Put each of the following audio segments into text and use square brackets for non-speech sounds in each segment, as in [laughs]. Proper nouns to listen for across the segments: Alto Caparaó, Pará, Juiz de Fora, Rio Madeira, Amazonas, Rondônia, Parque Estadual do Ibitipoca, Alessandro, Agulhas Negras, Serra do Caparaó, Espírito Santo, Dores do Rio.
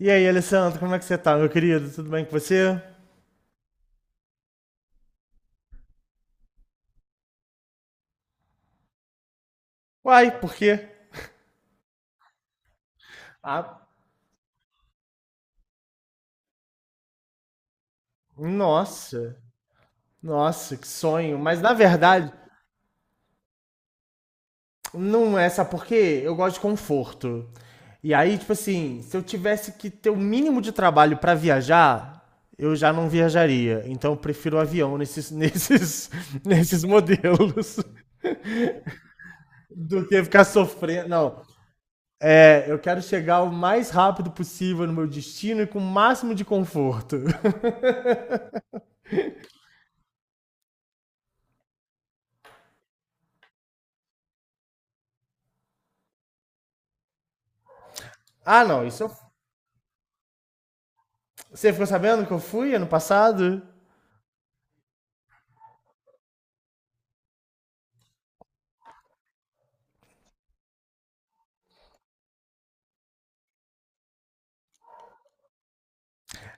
E aí, Alessandro, como é que você tá, meu querido? Tudo bem com você? Uai, por quê? Ah, nossa, nossa, que sonho. Mas na verdade, não é, sabe por quê? Eu gosto de conforto. E aí, tipo assim, se eu tivesse que ter o mínimo de trabalho pra viajar, eu já não viajaria. Então eu prefiro o avião [laughs] nesses modelos do que ficar sofrendo. Não, é, eu quero chegar o mais rápido possível no meu destino e com o máximo de conforto. [laughs] Ah, não, isso eu você ficou sabendo que eu fui ano passado?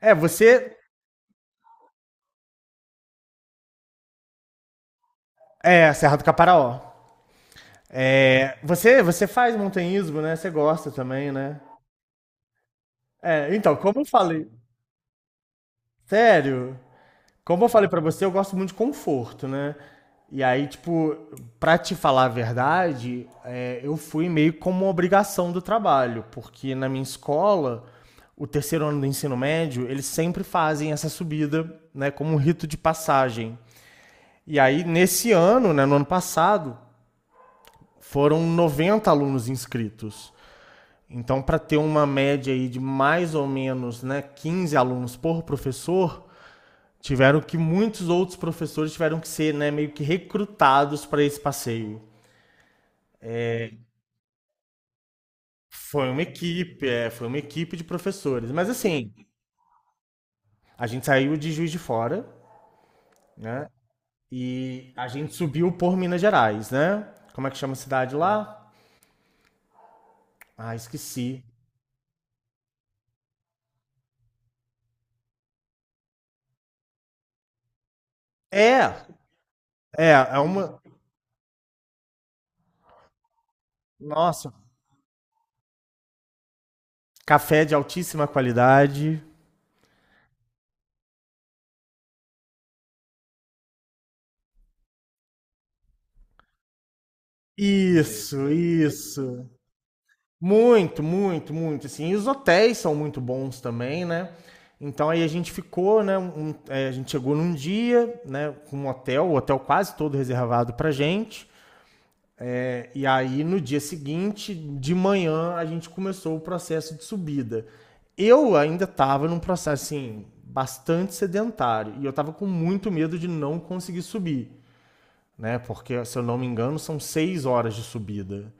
É, você. É, Serra do Caparaó. É, você faz montanhismo, né? Você gosta também, né? É, então, como eu falei. Sério? Como eu falei pra você, eu gosto muito de conforto, né? E aí, tipo, pra te falar a verdade, é, eu fui meio como uma obrigação do trabalho, porque na minha escola, o terceiro ano do ensino médio, eles sempre fazem essa subida, né, como um rito de passagem. E aí, nesse ano, né, no ano passado, foram 90 alunos inscritos. Então, para ter uma média aí de mais ou menos né, 15 alunos por professor, tiveram que muitos outros professores tiveram que ser né, meio que recrutados para esse passeio. Foi uma equipe, é, foi uma equipe de professores. Mas assim, a gente saiu de Juiz de Fora, né? E a gente subiu por Minas Gerais, né? Como é que chama a cidade lá? Ah, esqueci. É, é, uma, nossa, café de altíssima qualidade. Isso, isso. Muito, muito, muito. Assim, e os hotéis são muito bons também, né? Então aí a gente ficou, né? A gente chegou num dia, né? Com o hotel quase todo reservado pra gente. É. E aí no dia seguinte, de manhã, a gente começou o processo de subida. Eu ainda estava num processo assim bastante sedentário e eu estava com muito medo de não conseguir subir. Né? Porque, se eu não me engano, são 6 horas de subida.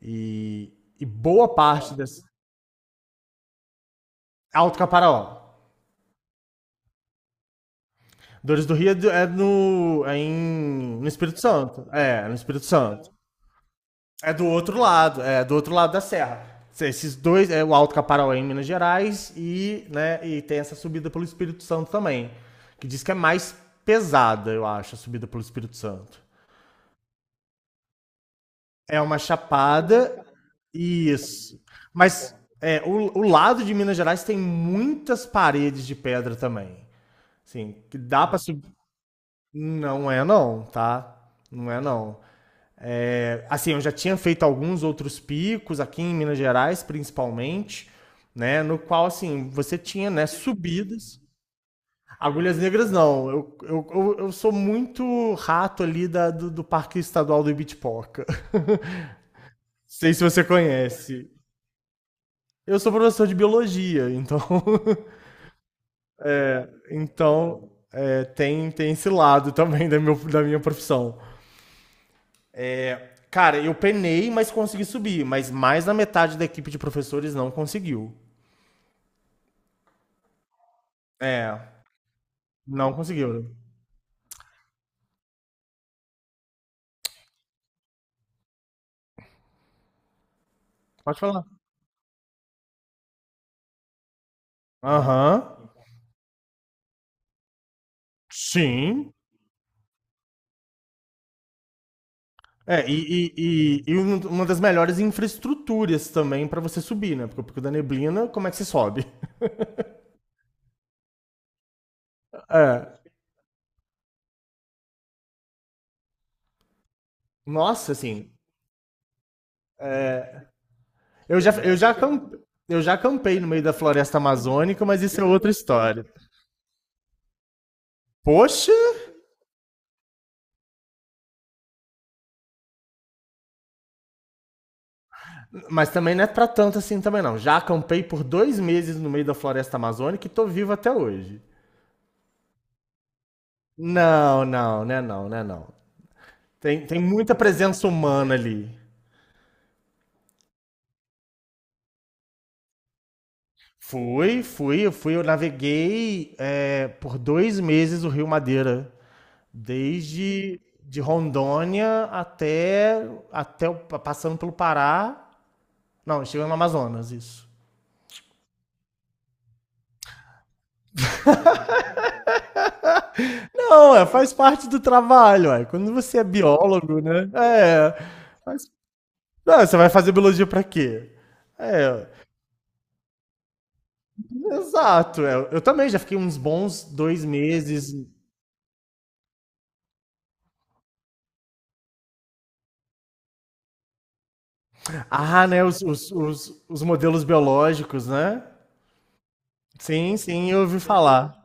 E, e boa parte dessa. Alto Caparaó. Dores do Rio é no Espírito Santo. É, no Espírito Santo. É do outro lado, é do outro lado da serra. Esses dois, é o Alto Caparaó é em Minas Gerais e, né, tem essa subida pelo Espírito Santo também. Que diz que é mais pesada, eu acho, a subida pelo Espírito Santo. É uma chapada. Isso. Mas é, o lado de Minas Gerais tem muitas paredes de pedra também. Assim, que dá pra subir. Não é não, tá? Não é não. É, assim, eu já tinha feito alguns outros picos aqui em Minas Gerais, principalmente, né? No qual, assim, você tinha, né, subidas. Agulhas Negras, não. Eu sou muito rato ali do Parque Estadual do Ibitipoca. [laughs] Sei se você conhece. Eu sou professor de biologia, então, [laughs] então é, tem esse lado também da minha profissão. Cara, eu penei, mas consegui subir. Mas mais da metade da equipe de professores não conseguiu. É, não conseguiu. Pode falar. Aham. Sim. É, uma das melhores infraestruturas também pra você subir, né? Porque da neblina, como é que você sobe? [laughs] É. Nossa, assim, eu já campei. Eu já campei no meio da floresta amazônica, mas isso é outra história. Poxa, mas também não é pra tanto assim também não. Já acampei por 2 meses no meio da floresta amazônica e tô vivo até hoje. Não, não, né não, né não. Tem muita presença humana ali. Eu naveguei é, por 2 meses o Rio Madeira, desde de Rondônia até, passando pelo Pará, não, chegando no Amazonas, isso. Não, é, faz parte do trabalho, ué. Quando você é biólogo, né? É. faz- Não, você vai fazer biologia pra quê? É, exato. É. Eu também já fiquei uns bons 2 meses. Ah, né? Os modelos biológicos, né? Sim, sim, eu ouvi falar.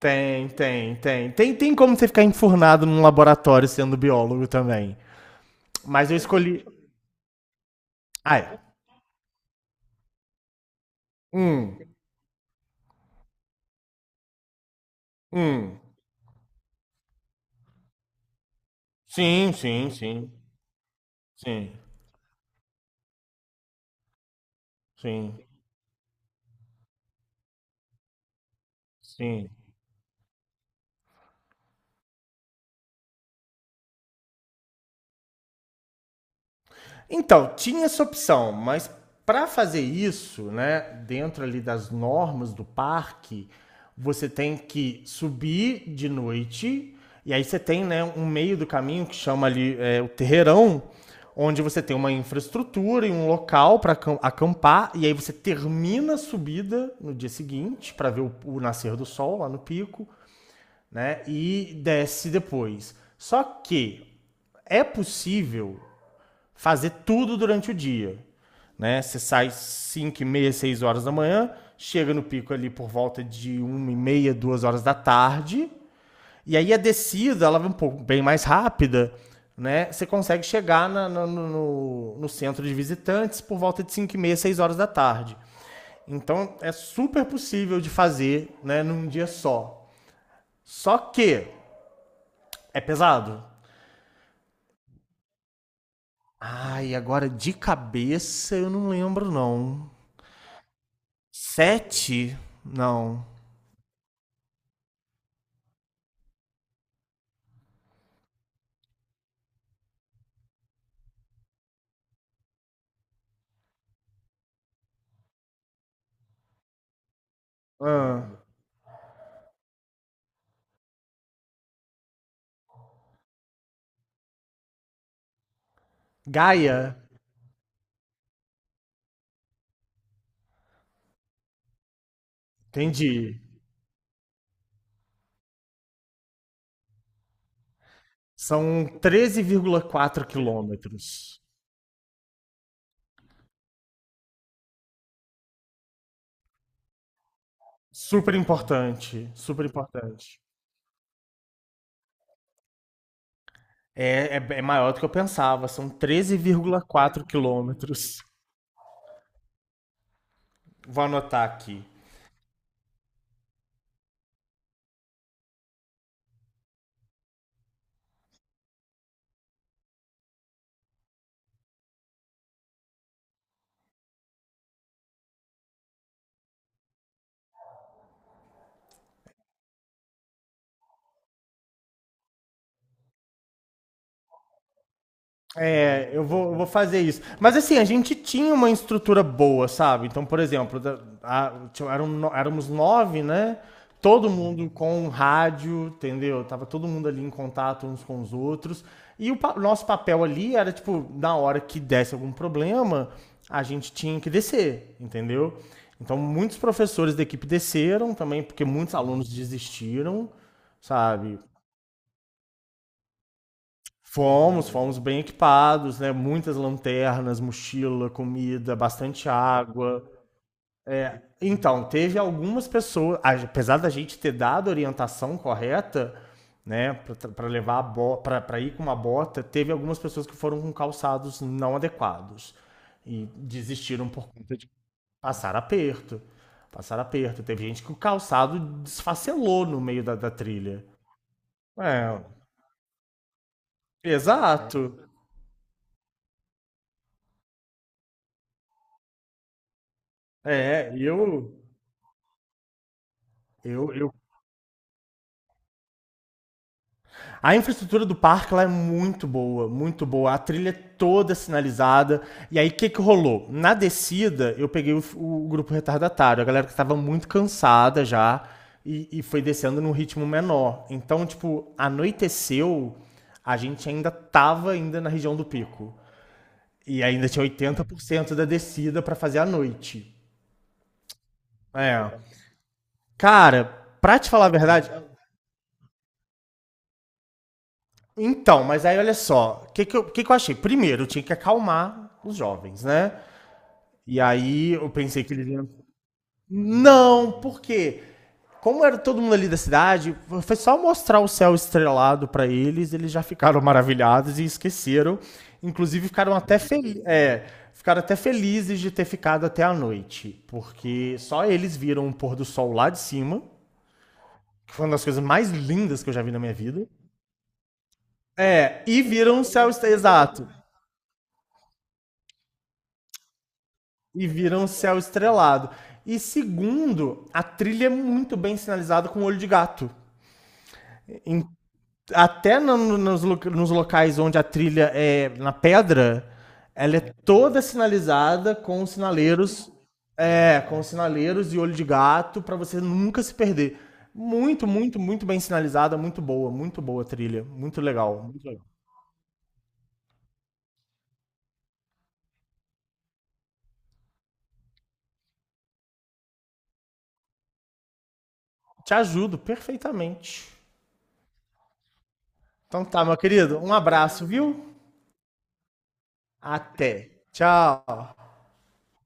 Tem, tem, tem. Tem como você ficar enfurnado num laboratório sendo biólogo também. Mas eu escolhi. Ah, é. Hum, hum. Sim, sim, sim. Sim, sim, sim. Então, tinha essa opção, mas para fazer isso, né, dentro ali das normas do parque, você tem que subir de noite e aí você tem, né, um meio do caminho que chama ali é, o terreirão, onde você tem uma infraestrutura e um local para acampar e aí você termina a subida no dia seguinte para ver o nascer do sol lá no pico, né, e desce depois. Só que é possível fazer tudo durante o dia. Né? Você sai 5, e meia, 6 horas da manhã, chega no pico ali por volta de uma e meia, 2 horas da tarde, e aí a descida ela vai um pouco bem mais rápida, né? Você consegue chegar no centro de visitantes por volta de 5 e meia, 6 horas da tarde. Então é super possível de fazer né, num dia só. Só que é pesado. Ai, agora de cabeça eu não lembro, não. Sete? Não. Ah, Gaia, entendi. São 13,4 km. Super importante, super importante. É, maior do que eu pensava, são 13,4 km. Vou anotar aqui. É, eu vou fazer isso. Mas assim, a gente tinha uma estrutura boa, sabe? Então, por exemplo, da- a- tinha- eram no- éramos nove, né? Todo mundo com rádio, entendeu? Tava todo mundo ali em contato uns com os outros. E nosso papel ali era, tipo, na hora que desse algum problema, a gente tinha que descer, entendeu? Então, muitos professores da equipe desceram também, porque muitos alunos desistiram, sabe? Fomos bem equipados, né? Muitas lanternas, mochila, comida, bastante água. Então, teve algumas pessoas, apesar da gente ter dado a orientação correta, né, para levar a bota, para ir com uma bota, teve algumas pessoas que foram com calçados não adequados e desistiram por conta de passar aperto. Passar aperto. Teve gente que o calçado desfacelou no meio da trilha. É, exato. É, eu A infraestrutura do parque lá é muito boa, muito boa. A trilha é toda sinalizada. E aí, o que, que rolou? Na descida, eu peguei o grupo retardatário, a galera que estava muito cansada já e foi descendo num ritmo menor. Então, tipo, anoiteceu, a gente ainda tava ainda na região do pico. E ainda tinha 80% da descida para fazer à noite. É. Cara, pra te falar a verdade, então, mas aí olha só, o que que eu achei? Primeiro, eu tinha que acalmar os jovens, né? E aí eu pensei que eles iam. Não, porque como era todo mundo ali da cidade, foi só mostrar o céu estrelado pra eles, eles já ficaram maravilhados e esqueceram. Inclusive ficaram até felizes de ter ficado até a noite, porque só eles viram o pôr do sol lá de cima, que foi uma das coisas mais lindas que eu já vi na minha vida. É, e viram o céu estrelado. Exato. E vira um céu estrelado. E segundo, a trilha é muito bem sinalizada com olho de gato. Em- até no- no- nos, lo- nos locais onde a trilha é na pedra, ela é toda sinalizada com os sinaleiros, e olho de gato pra você nunca se perder. Muito, muito, muito bem sinalizada, muito boa a trilha, muito legal, muito legal. Te ajudo perfeitamente. Então tá, meu querido, um abraço, viu? Até. Tchau.